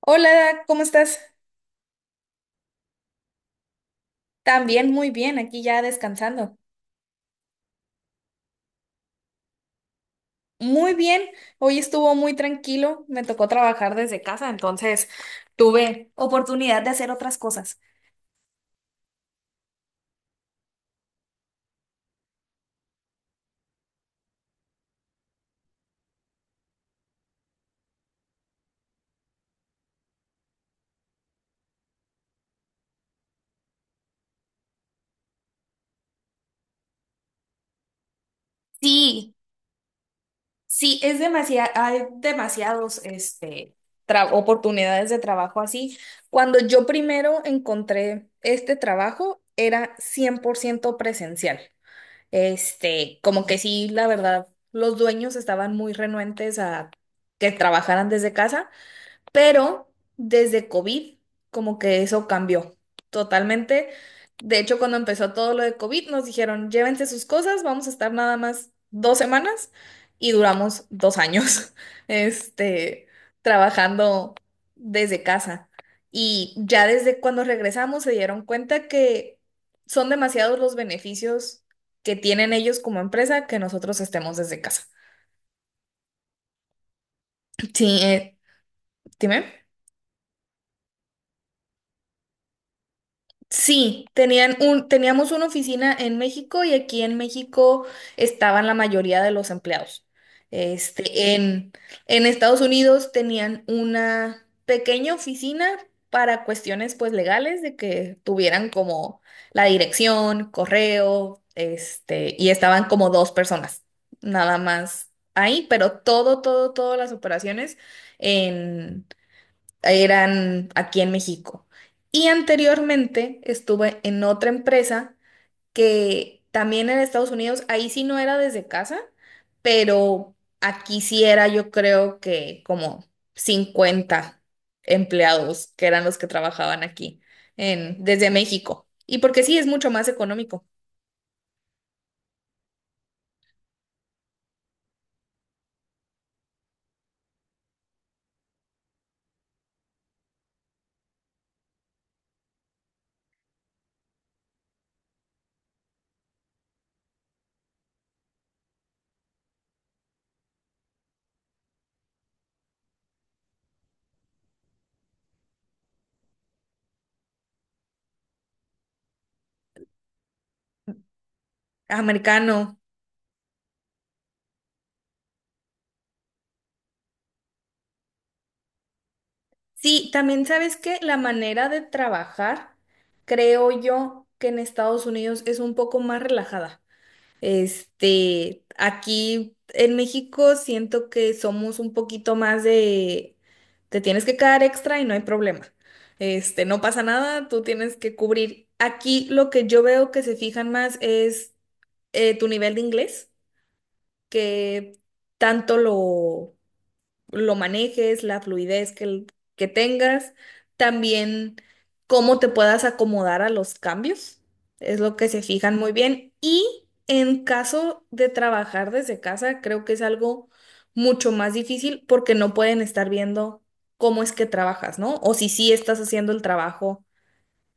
Hola, ¿cómo estás? También muy bien, aquí ya descansando. Muy bien, hoy estuvo muy tranquilo, me tocó trabajar desde casa, entonces tuve oportunidad de hacer otras cosas. Sí, sí, es demasiado, hay demasiados, oportunidades de trabajo así. Cuando yo primero encontré este trabajo, era 100% presencial. Como que sí, la verdad, los dueños estaban muy renuentes a que trabajaran desde casa. Pero desde COVID, como que eso cambió totalmente. De hecho, cuando empezó todo lo de COVID, nos dijeron, llévense sus cosas, vamos a estar nada más 2 semanas y duramos 2 años, este, trabajando desde casa. Y ya desde cuando regresamos se dieron cuenta que son demasiados los beneficios que tienen ellos como empresa que nosotros estemos desde casa. Sí, dime. Sí, tenían un, teníamos una oficina en México y aquí en México estaban la mayoría de los empleados. Este, en, en Estados Unidos tenían una pequeña oficina para cuestiones pues legales de que tuvieran como la dirección, correo, y estaban como dos personas, nada más ahí, pero todo, todo, todas las operaciones eran aquí en México. Y anteriormente estuve en otra empresa que también en Estados Unidos, ahí sí no era desde casa, pero aquí sí era, yo creo que como 50 empleados que eran los que trabajaban aquí en, desde México. Y porque sí es mucho más económico, americano. Sí, también sabes que la manera de trabajar, creo yo que en Estados Unidos es un poco más relajada. Aquí en México siento que somos un poquito más de, te tienes que quedar extra y no hay problema. No pasa nada, tú tienes que cubrir. Aquí lo que yo veo que se fijan más es tu nivel de inglés, que tanto lo manejes, la fluidez que tengas, también cómo te puedas acomodar a los cambios, es lo que se fijan muy bien. Y en caso de trabajar desde casa, creo que es algo mucho más difícil porque no pueden estar viendo cómo es que trabajas, ¿no? O si sí estás haciendo el trabajo,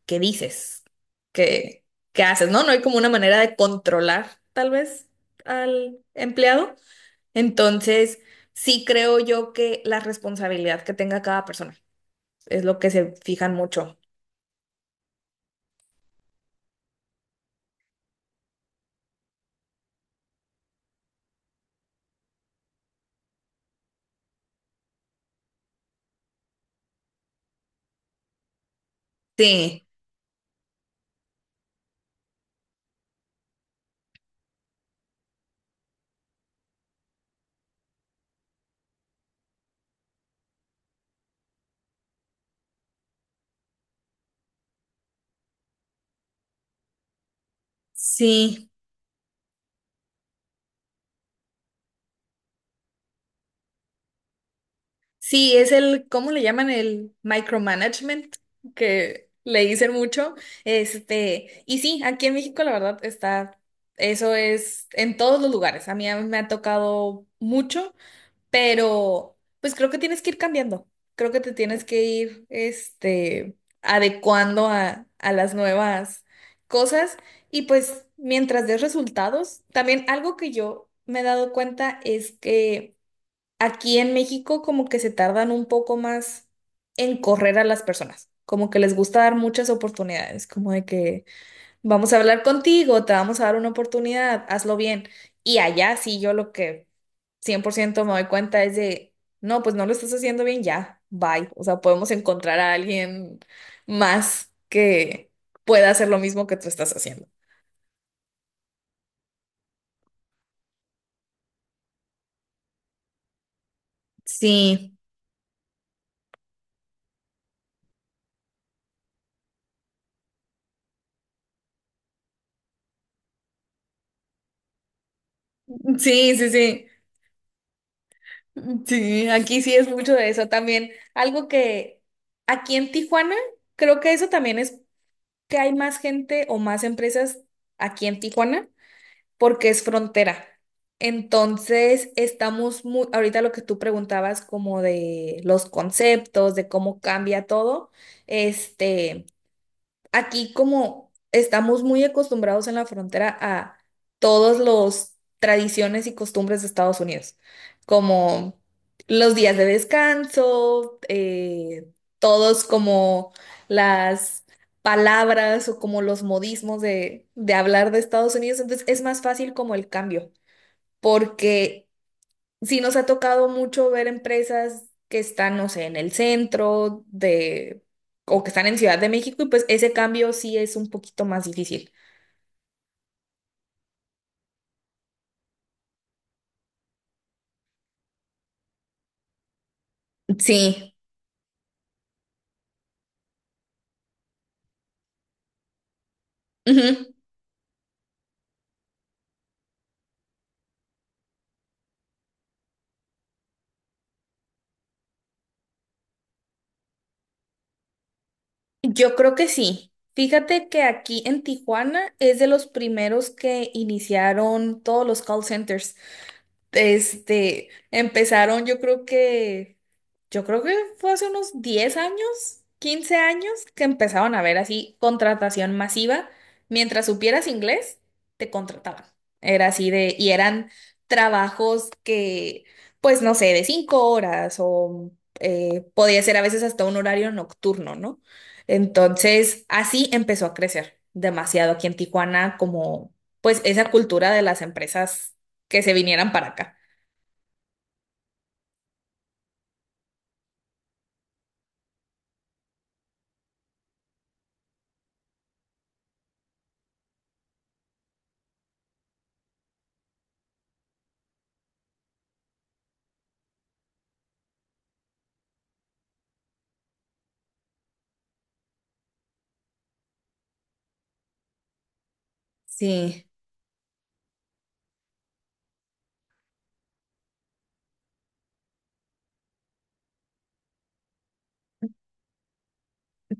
qué dices, qué, qué haces, ¿no? No hay como una manera de controlar, tal vez, al empleado. Entonces, sí creo yo que la responsabilidad que tenga cada persona es lo que se fijan mucho. Sí, sí, sí, es el, ¿cómo le llaman? El micromanagement que le dicen mucho. Y sí, aquí en México la verdad está, eso es en todos los lugares. A mí me ha tocado mucho, pero pues creo que tienes que ir cambiando. Creo que te tienes que ir adecuando a las nuevas cosas, y pues mientras des resultados, también algo que yo me he dado cuenta es que aquí en México como que se tardan un poco más en correr a las personas. Como que les gusta dar muchas oportunidades, como de que vamos a hablar contigo, te vamos a dar una oportunidad, hazlo bien. Y allá sí, yo lo que 100% me doy cuenta es de, no, pues no lo estás haciendo bien ya, bye. O sea, podemos encontrar a alguien más que pueda hacer lo mismo que tú estás haciendo. Sí, sí, sí, sí. Sí, aquí sí es mucho de eso también. Algo que aquí en Tijuana, creo que eso también es que hay más gente o más empresas aquí en Tijuana porque es frontera. Entonces, estamos muy, ahorita lo que tú preguntabas como de los conceptos, de cómo cambia todo, este aquí como estamos muy acostumbrados en la frontera a todos los tradiciones y costumbres de Estados Unidos, como los días de descanso, todos como las palabras o como los modismos de hablar de Estados Unidos, entonces es más fácil como el cambio, porque sí nos ha tocado mucho ver empresas que están, no sé, en el centro de, o que están en Ciudad de México, y pues ese cambio sí es un poquito más difícil. Sí, ujú. Yo creo que sí. Fíjate que aquí en Tijuana es de los primeros que iniciaron todos los call centers. Empezaron, yo creo que fue hace unos 10 años, 15 años, que empezaron a ver así contratación masiva. Mientras supieras inglés, te contrataban. Era así de, y eran trabajos que, pues no sé, de 5 horas o podía ser a veces hasta un horario nocturno, ¿no? Entonces, así empezó a crecer demasiado aquí en Tijuana como, pues, esa cultura de las empresas que se vinieran para acá. Sí.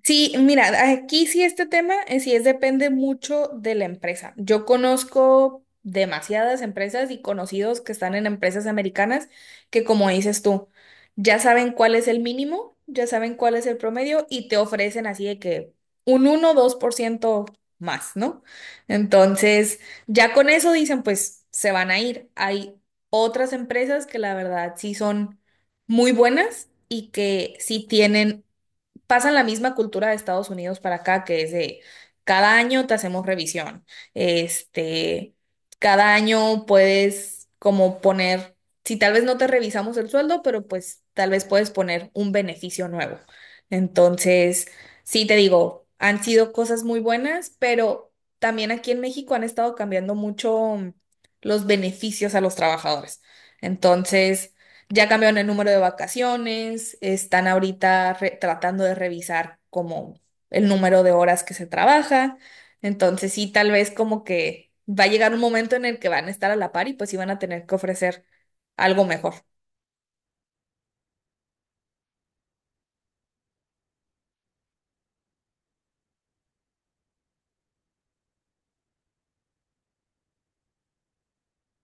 Sí, mira, aquí sí este tema sí es, depende mucho de la empresa. Yo conozco demasiadas empresas y conocidos que están en empresas americanas que, como dices tú, ya saben cuál es el mínimo, ya saben cuál es el promedio y te ofrecen así de que un 1 o 2% más, ¿no? Entonces, ya con eso dicen, pues se van a ir. Hay otras empresas que la verdad sí son muy buenas y que sí tienen, pasan la misma cultura de Estados Unidos para acá, que es de cada año te hacemos revisión. Este, cada año puedes como poner, si tal vez no te revisamos el sueldo, pero pues tal vez puedes poner un beneficio nuevo. Entonces, sí te digo, han sido cosas muy buenas, pero también aquí en México han estado cambiando mucho los beneficios a los trabajadores. Entonces, ya cambiaron el número de vacaciones, están ahorita tratando de revisar como el número de horas que se trabaja. Entonces sí, tal vez como que va a llegar un momento en el que van a estar a la par y pues sí van a tener que ofrecer algo mejor.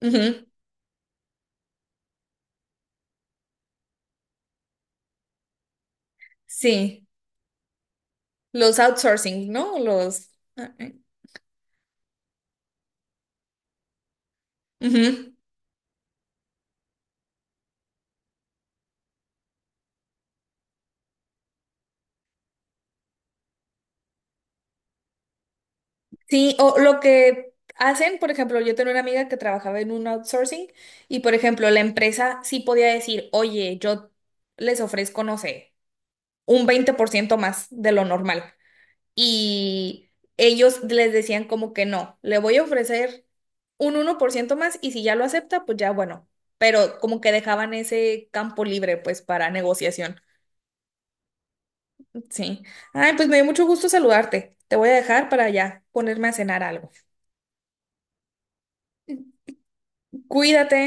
Ujú. Sí, los outsourcing, ¿no? Los... ah, eh. Ujú. Sí, o lo que hacen, por ejemplo, yo tengo una amiga que trabajaba en un outsourcing y, por ejemplo, la empresa sí podía decir, oye, yo les ofrezco, no sé, un 20% más de lo normal. Y ellos les decían como que no, le voy a ofrecer un 1% más y si ya lo acepta, pues ya bueno. Pero como que dejaban ese campo libre, pues, para negociación. Sí. Ay, pues me dio mucho gusto saludarte. Te voy a dejar para ya ponerme a cenar algo. Cuídate.